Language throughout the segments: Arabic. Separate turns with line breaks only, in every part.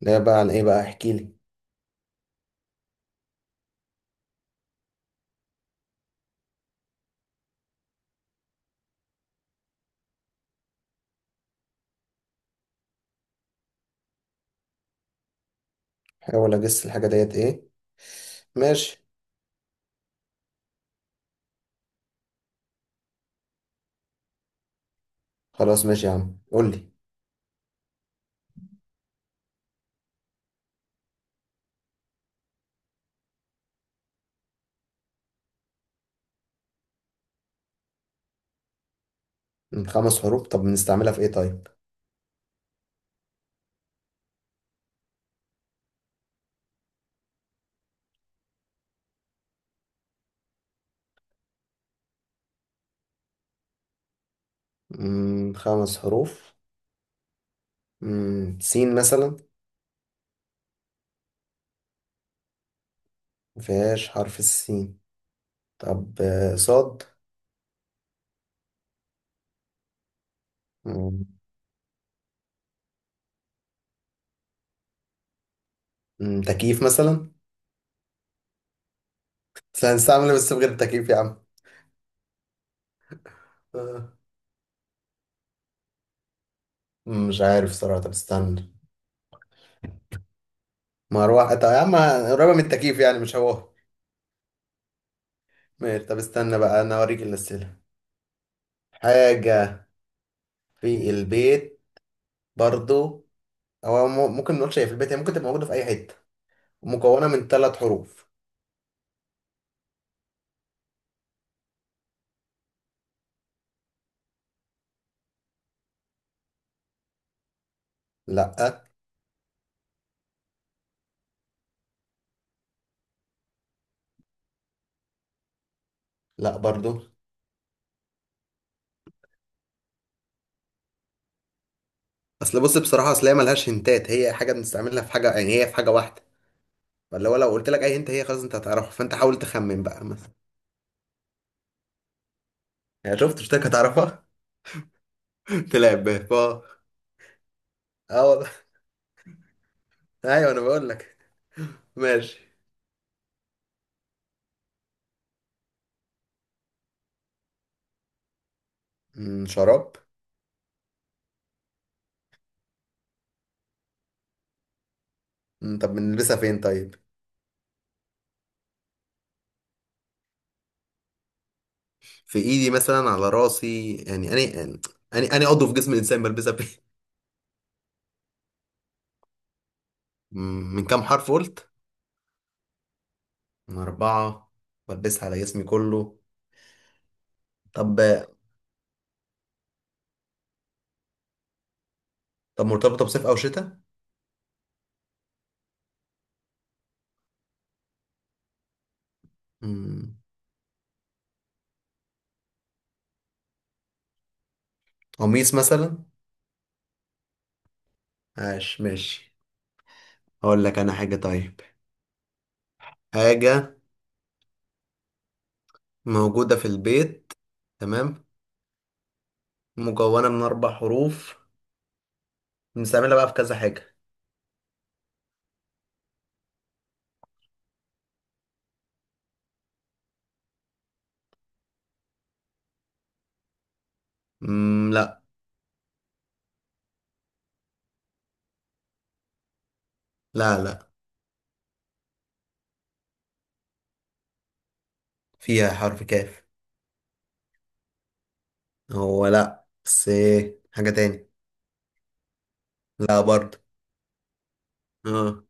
ده بقى عن ايه بقى احكي لي. حاول اجس الحاجه ديت ايه. ماشي. خلاص ماشي يا عم قول لي. من خمس حروف طب بنستعملها في ايه طيب؟ خمس حروف. سين مثلا. مفيهاش حرف السين. طب صاد. مم. تكييف مثلا. بس هنستعمل إيه بس من غير التكييف يا عم؟ آه. مش عارف صراحه طب استنى. مروحه طب يا عم، قريبه من التكييف يعني مش هو. ماشي طب استنى بقى انا اوريك الاسئله. حاجه في البيت برضو. هو ممكن نقول شايف البيت، هي ممكن تبقى موجودة في أي حتة. مكونة من ثلاث حروف. لأ. لأ برضو. أصل بص بصراحة أصل هي ملهاش هنتات، هي حاجة بنستعملها في حاجة، يعني هي في حاجة واحدة. فاللي هو لو قلت لك أي هنت هي خلاص أنت هتعرفها، فأنت حاول تخمن بقى مثلا. يعني شفت، قلت لك هتعرفها. تلعب بيها. اه والله. أيوه أنا بقول لك. ماشي. شراب. طب بنلبسها فين طيب؟ في إيدي مثلا على راسي، يعني أني أني عضو في جسم الإنسان بلبسها فين؟ من كام حرف قلت؟ من أربعة. بلبسها على جسمي كله. طب. طب مرتبطة بصيف أو شتاء؟ مم، قميص مثلا؟ عاش ماشي. هقول لك أنا حاجة طيب. حاجة موجودة في البيت. تمام. مكونة من أربع حروف. بنستعملها بقى في كذا حاجة. لا. لا لا. فيها حرف كاف. هو لا، بس إيه حاجة تاني. لا برضه. اه.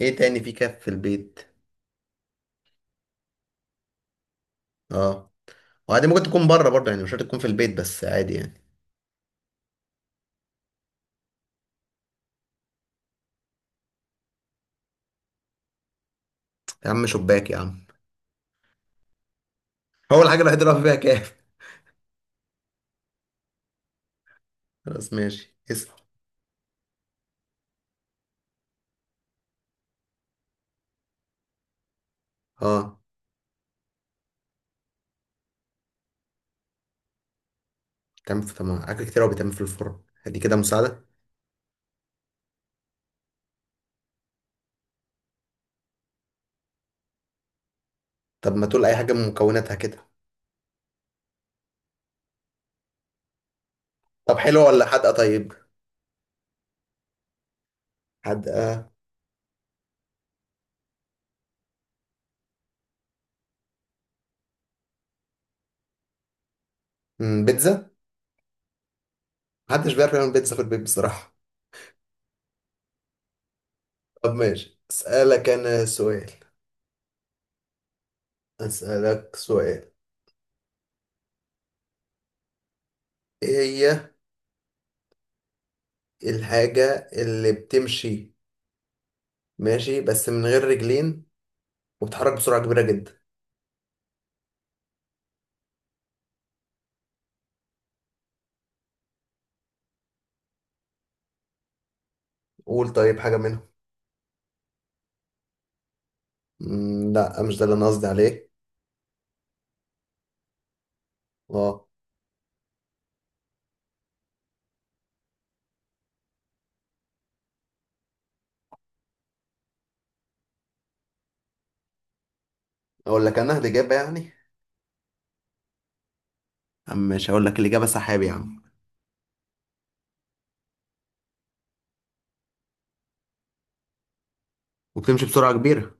ايه تاني في كاف في البيت. اه، وعادي ممكن تكون بره برضه، يعني مش شرط تكون في البيت بس عادي يعني. يا عم شباك يا عم! هو الحاجة الوحيدة اللي واقف بيها كاف. خلاص ماشي اسأل. اه. بتعمل في طب ما حاجات كتير أوي بتعمل في الفرن، هدي كده مساعدة. طب ما تقول أي حاجة من مكوناتها كده. طب حلوة ولا حادقة طيب؟ حادقة. بيتزا. محدش بيعرف يعمل بيتزا في البيت بصراحة. طب ماشي أسألك أنا سؤال. أسألك سؤال. إيه هي الحاجة اللي بتمشي، ماشي بس من غير رجلين وبتتحرك بسرعة كبيرة جدا؟ قول طيب حاجة منهم. لا مش ده اللي أنا قصدي عليه. اه. أقول لك أنا الإجابة يعني. عم مش هقول لك الإجابة، سحاب يا عم. وبتمشي بسرعة كبيرة.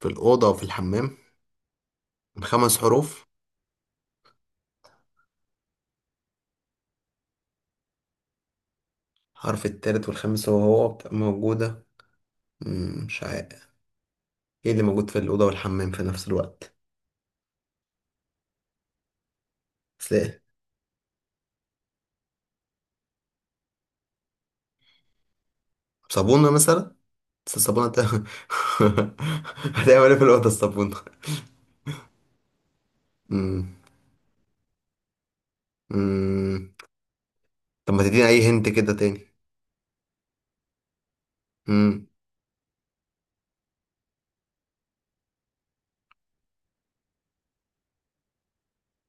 في الأوضة وفي الحمام. من خمس حروف. حرف التالت والخامس هو هو. بتبقى موجودة. مش عارف. ايه اللي موجود في الأوضة والحمام في نفس الوقت؟ بس ايه. صابونة مثلا. بس الصابونة هتعمل ايه في الأوضة الصابونة؟ مم. مم. طب ما تديني أي هنت كده تاني. مم.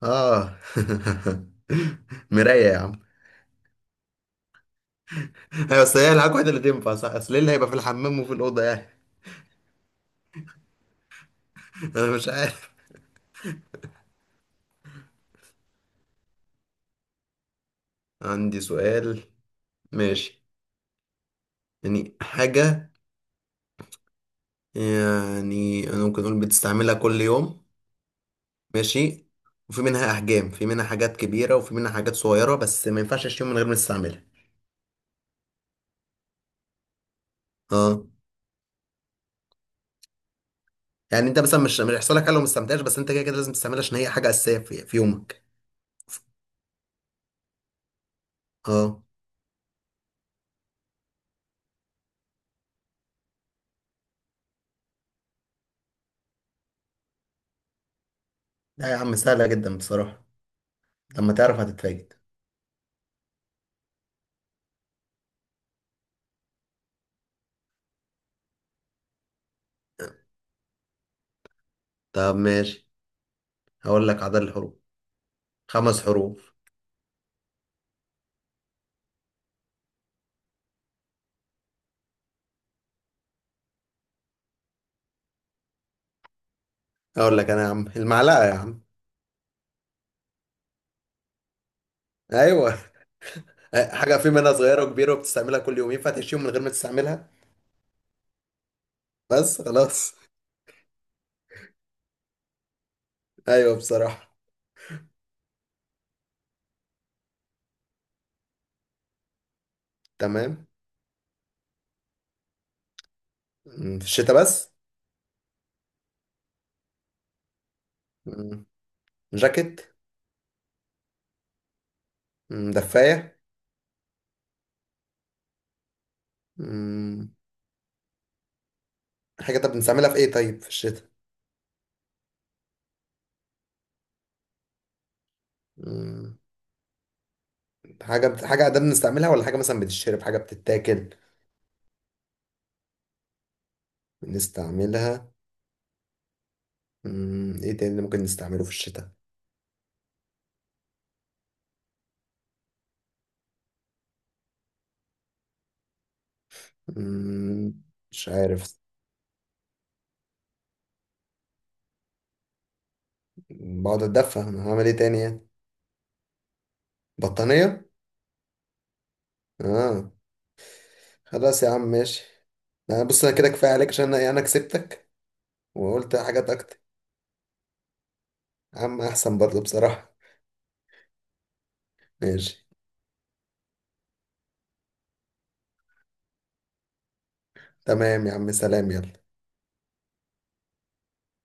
اه. مراية يا عم! ايوه بس هي الحاجة الوحيدة اللي تنفع صح، اصل ايه اللي هيبقى في الحمام وفي الأوضة يعني. انا مش عارف. عندي سؤال. ماشي. يعني حاجة. يعني أنا ممكن أقول بتستعملها كل يوم. ماشي. وفي منها أحجام، في منها حاجات كبيرة وفي منها حاجات صغيرة، بس ما ينفعش أشيل يوم من غير ما تستعملها. اه. يعني أنت مثلا مش هيحصل لك حاجة لو ما استعملتهاش، بس أنت كده كده لازم تستعملها عشان هي حاجة أساسية في يومك. اه. لا يا عم سهلة جدا بصراحة، لما تعرف هتتفاجئ. طب ماشي، هقول لك عدد الحروف. خمس حروف. هقول لك أنا يا عم، المعلقة يا عم. أيوه. حاجه في منها صغيره وكبيره وبتستعملها كل يوم، ينفع تعيش يوم من غير ما تستعملها؟ بس خلاص. ايوه بصراحه. تمام. في الشتاء بس. مم، جاكيت. دفايه. مم. حاجه طب بنستعملها في ايه طيب في الشتاء؟ مم. حاجه ده بنستعملها ولا حاجه مثلا بتتشرب حاجه بتتاكل؟ بنستعملها. ايه تاني اللي ممكن نستعمله في الشتاء؟ مم، مش عارف. بقعد اتدفى، انا هعمل ايه تاني يعني؟ بطانيه. اه. خلاص يا عم ماشي. أنا بص، أنا كده كفاية عليك، عشان أنا أنا كسبتك. وقلت حاجات أكتر. يا عم أحسن برضه بصراحة. ماشي. تمام يا عم، سلام يلا.